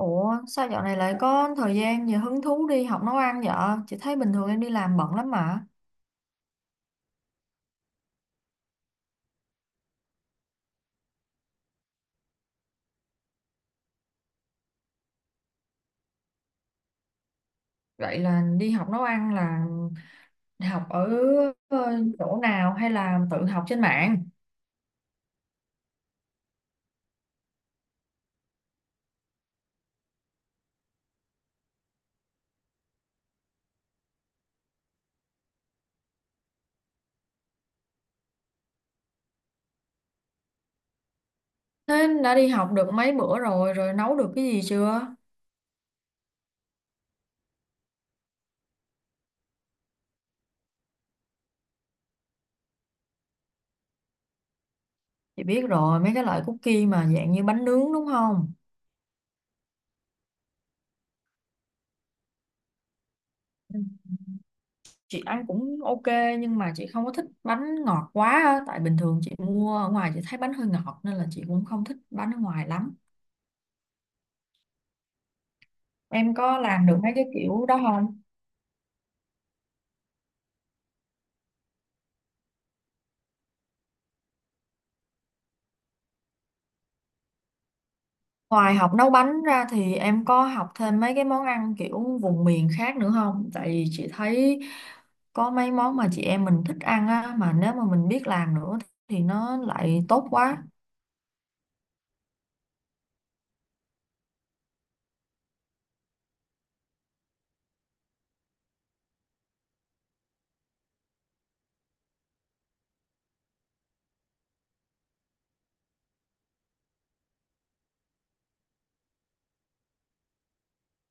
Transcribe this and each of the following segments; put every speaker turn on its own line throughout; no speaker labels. Ủa sao dạo này lại có thời gian và hứng thú đi học nấu ăn vậy? Chị thấy bình thường em đi làm bận lắm mà. Vậy là đi học nấu ăn là học ở ờ, chỗ nào hay là tự học trên mạng? Thế đã đi học được mấy bữa rồi, rồi nấu được cái gì chưa? Chị biết rồi, mấy cái loại cookie mà dạng như bánh nướng đúng không? Ừ. Chị ăn cũng ok nhưng mà chị không có thích bánh ngọt quá á. Tại bình thường chị mua ở ngoài chị thấy bánh hơi ngọt nên là chị cũng không thích bánh ở ngoài lắm. Em có làm được mấy cái kiểu đó không? Ngoài học nấu bánh ra thì em có học thêm mấy cái món ăn kiểu vùng miền khác nữa không? Tại vì chị thấy có mấy món mà chị em mình thích ăn á, mà nếu mà mình biết làm nữa thì nó lại tốt quá.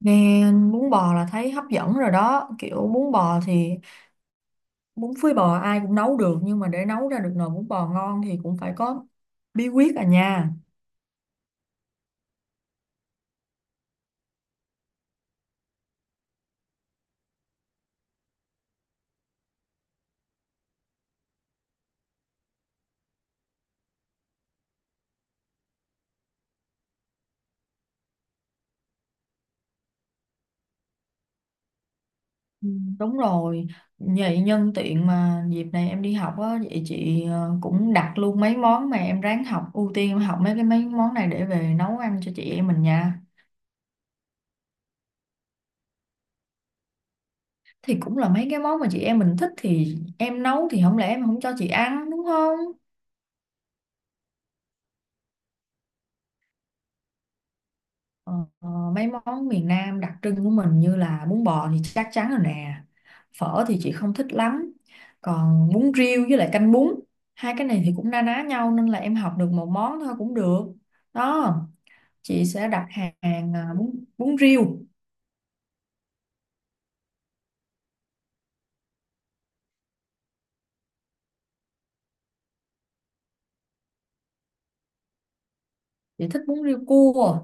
Nghe bún bò là thấy hấp dẫn rồi đó, kiểu bún bò thì bún phơi bò ai cũng nấu được nhưng mà để nấu ra được nồi bún bò ngon thì cũng phải có bí quyết à nha. Ừ, đúng rồi, vậy nhân tiện mà dịp này em đi học á, vậy chị cũng đặt luôn mấy món mà em ráng học, ưu tiên em học mấy cái mấy món này để về nấu ăn cho chị em mình nha. Thì cũng là mấy cái món mà chị em mình thích thì em nấu thì không lẽ em không cho chị ăn đúng không? Ờ, ờ, mấy món miền Nam đặc trưng của mình như là bún bò thì chắc chắn rồi nè, phở thì chị không thích lắm, còn bún riêu với lại canh bún, hai cái này thì cũng na ná nhau nên là em học được một món thôi cũng được. Đó. Chị sẽ đặt hàng, bún bún riêu. Chị thích bún riêu cua.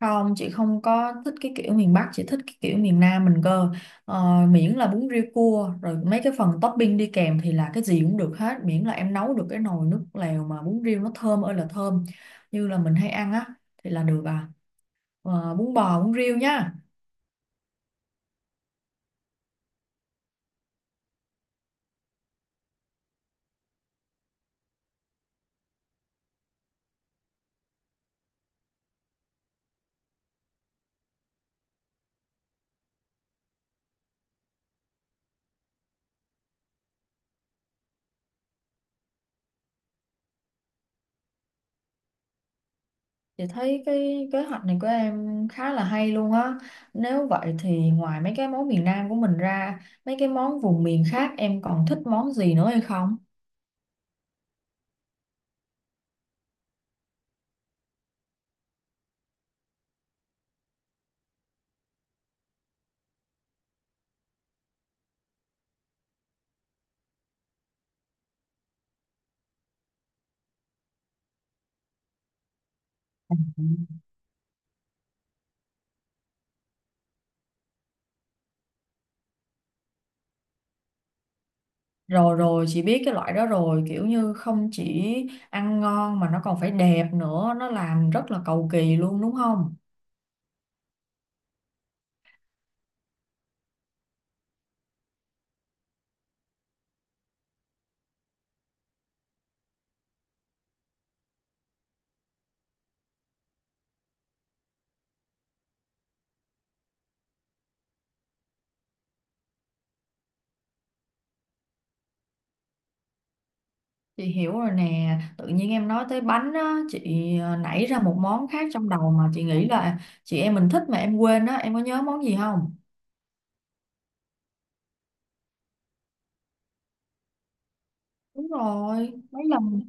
Không, chị không có thích cái kiểu miền Bắc, chị thích cái kiểu miền Nam mình cơ. Ờ, miễn là bún riêu cua rồi mấy cái phần topping đi kèm thì là cái gì cũng được hết, miễn là em nấu được cái nồi nước lèo mà bún riêu nó thơm ơi là thơm như là mình hay ăn á thì là được à. Ờ, bún bò bún riêu nhá. Chị thấy cái kế hoạch này của em khá là hay luôn á. Nếu vậy thì ngoài mấy cái món miền Nam của mình ra, mấy cái món vùng miền khác em còn thích món gì nữa hay không? Ừ. Rồi rồi, chị biết cái loại đó rồi, kiểu như không chỉ ăn ngon mà nó còn phải đẹp nữa, nó làm rất là cầu kỳ luôn đúng không? Chị hiểu rồi nè, tự nhiên em nói tới bánh á, chị nảy ra một món khác trong đầu mà chị nghĩ là chị em mình thích mà em quên á, em có nhớ món gì không? Đúng rồi, mấy lần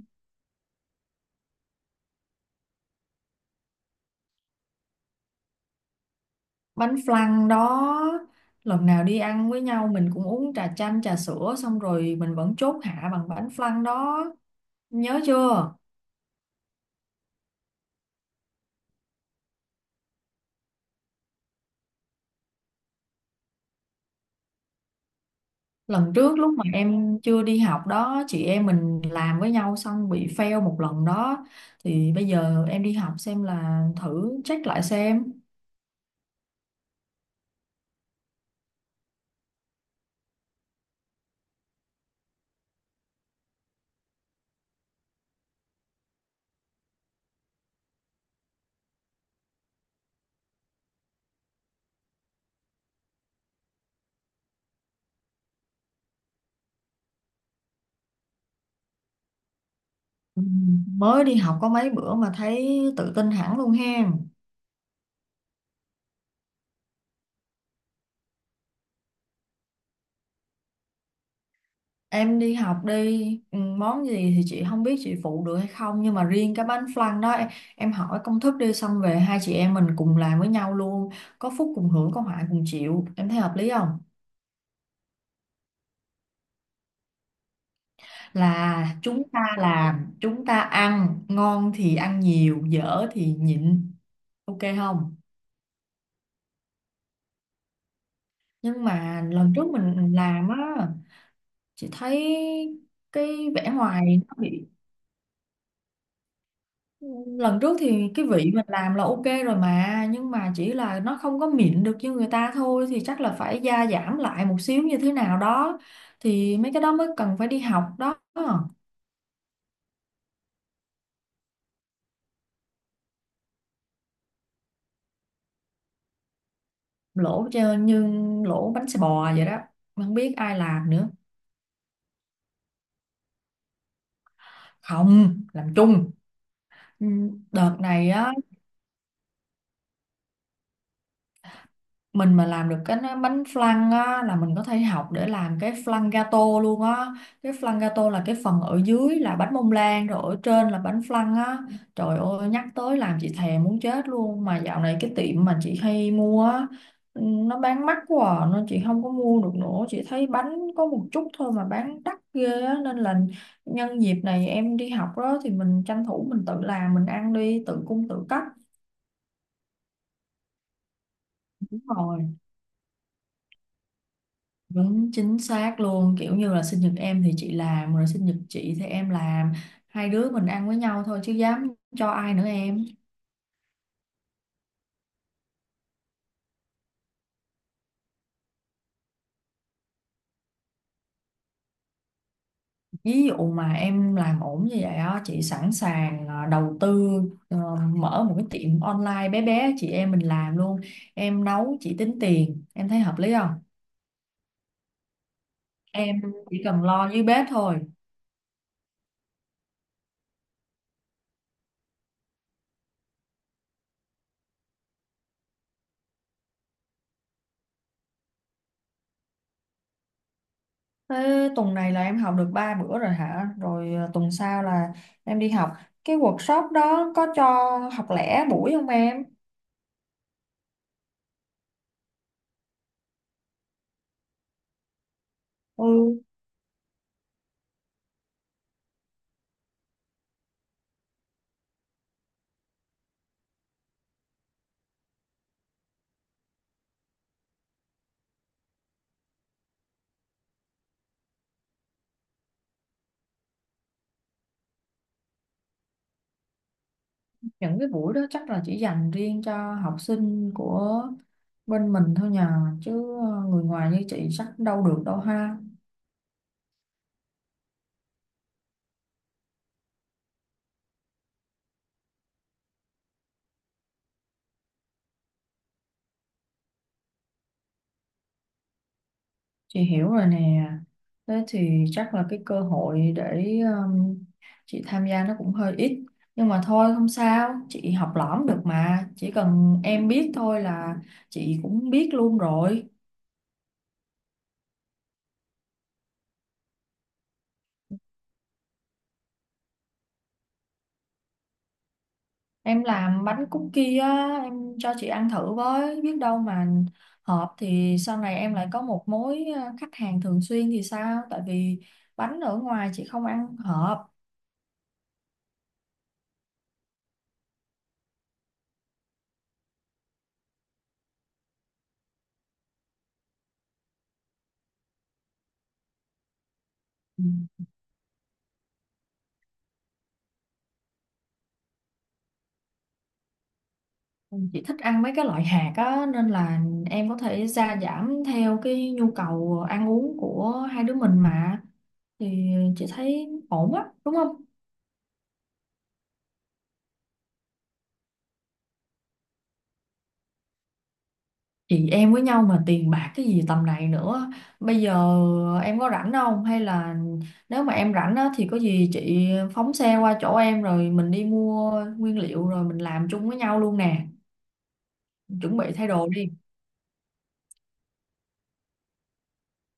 bánh flan đó, lần nào đi ăn với nhau mình cũng uống trà chanh trà sữa xong rồi mình vẫn chốt hạ bằng bánh flan đó, nhớ chưa. Lần trước lúc mà em chưa đi học đó chị em mình làm với nhau xong bị fail một lần đó, thì bây giờ em đi học xem là thử check lại xem. Ừ, mới đi học có mấy bữa mà thấy tự tin hẳn luôn hen. Em đi học đi, ừ, món gì thì chị không biết chị phụ được hay không nhưng mà riêng cái bánh flan đó em hỏi công thức đi xong về hai chị em mình cùng làm với nhau luôn, có phúc cùng hưởng có họa cùng chịu, em thấy hợp lý không? Là chúng ta làm, chúng ta ăn, ngon thì ăn nhiều, dở thì nhịn, ok không? Nhưng mà lần trước mình làm á, chị thấy cái vẻ ngoài nó bị, lần trước thì cái vị mình làm là ok rồi mà, nhưng mà chỉ là nó không có mịn được như người ta thôi thì chắc là phải gia giảm lại một xíu như thế nào đó thì mấy cái đó mới cần phải đi học đó. Như lỗ bánh xe bò vậy đó, không biết ai làm nữa, không làm chung. Ừ, đợt này á mình mà làm được bánh flan á là mình có thể học để làm cái flan gato luôn á, cái flan gato là cái phần ở dưới là bánh bông lan rồi ở trên là bánh flan á. Trời ơi nhắc tới làm chị thèm muốn chết luôn, mà dạo này cái tiệm mà chị hay mua á, ừ, nó bán mắc quá à, nên chị không có mua được nữa, chị thấy bánh có một chút thôi mà bán đắt ghê á nên là nhân dịp này em đi học đó thì mình tranh thủ mình tự làm mình ăn đi, tự cung tự cấp. Đúng rồi. Đúng chính xác luôn, kiểu như là sinh nhật em thì chị làm rồi sinh nhật chị thì em làm, hai đứa mình ăn với nhau thôi chứ dám cho ai nữa em. Ví dụ mà em làm ổn như vậy á chị sẵn sàng đầu tư, ờ, mở một cái tiệm online bé bé chị em mình làm luôn, em nấu chị tính tiền em thấy hợp lý không? Em chỉ cần lo dưới bếp thôi. Thế tuần này là em học được 3 bữa rồi hả, rồi tuần sau là em đi học cái workshop đó có cho học lẻ buổi không em? Ừ, những cái buổi đó chắc là chỉ dành riêng cho học sinh của bên mình thôi nhờ, chứ người ngoài như chị chắc đâu được đâu ha. Chị hiểu rồi nè, thế thì chắc là cái cơ hội để um, chị tham gia nó cũng hơi ít, nhưng mà thôi không sao chị học lỏm được mà, chỉ cần em biết thôi là chị cũng biết luôn rồi. Em làm bánh cookie á, em cho chị ăn thử với, biết đâu mà hợp thì sau này em lại có một mối khách hàng thường xuyên thì sao? Tại vì bánh ở ngoài chị không ăn hợp. Ừ, chị thích ăn mấy cái loại hạt á nên là em có thể gia giảm theo cái nhu cầu ăn uống của hai đứa mình mà thì chị thấy ổn á, đúng không? Chị em với nhau mà tiền bạc cái gì tầm này nữa, bây giờ em có rảnh không hay là nếu mà em rảnh á, thì có gì chị phóng xe qua chỗ em rồi mình đi mua nguyên liệu rồi mình làm chung với nhau luôn nè, chuẩn bị thay đồ đi.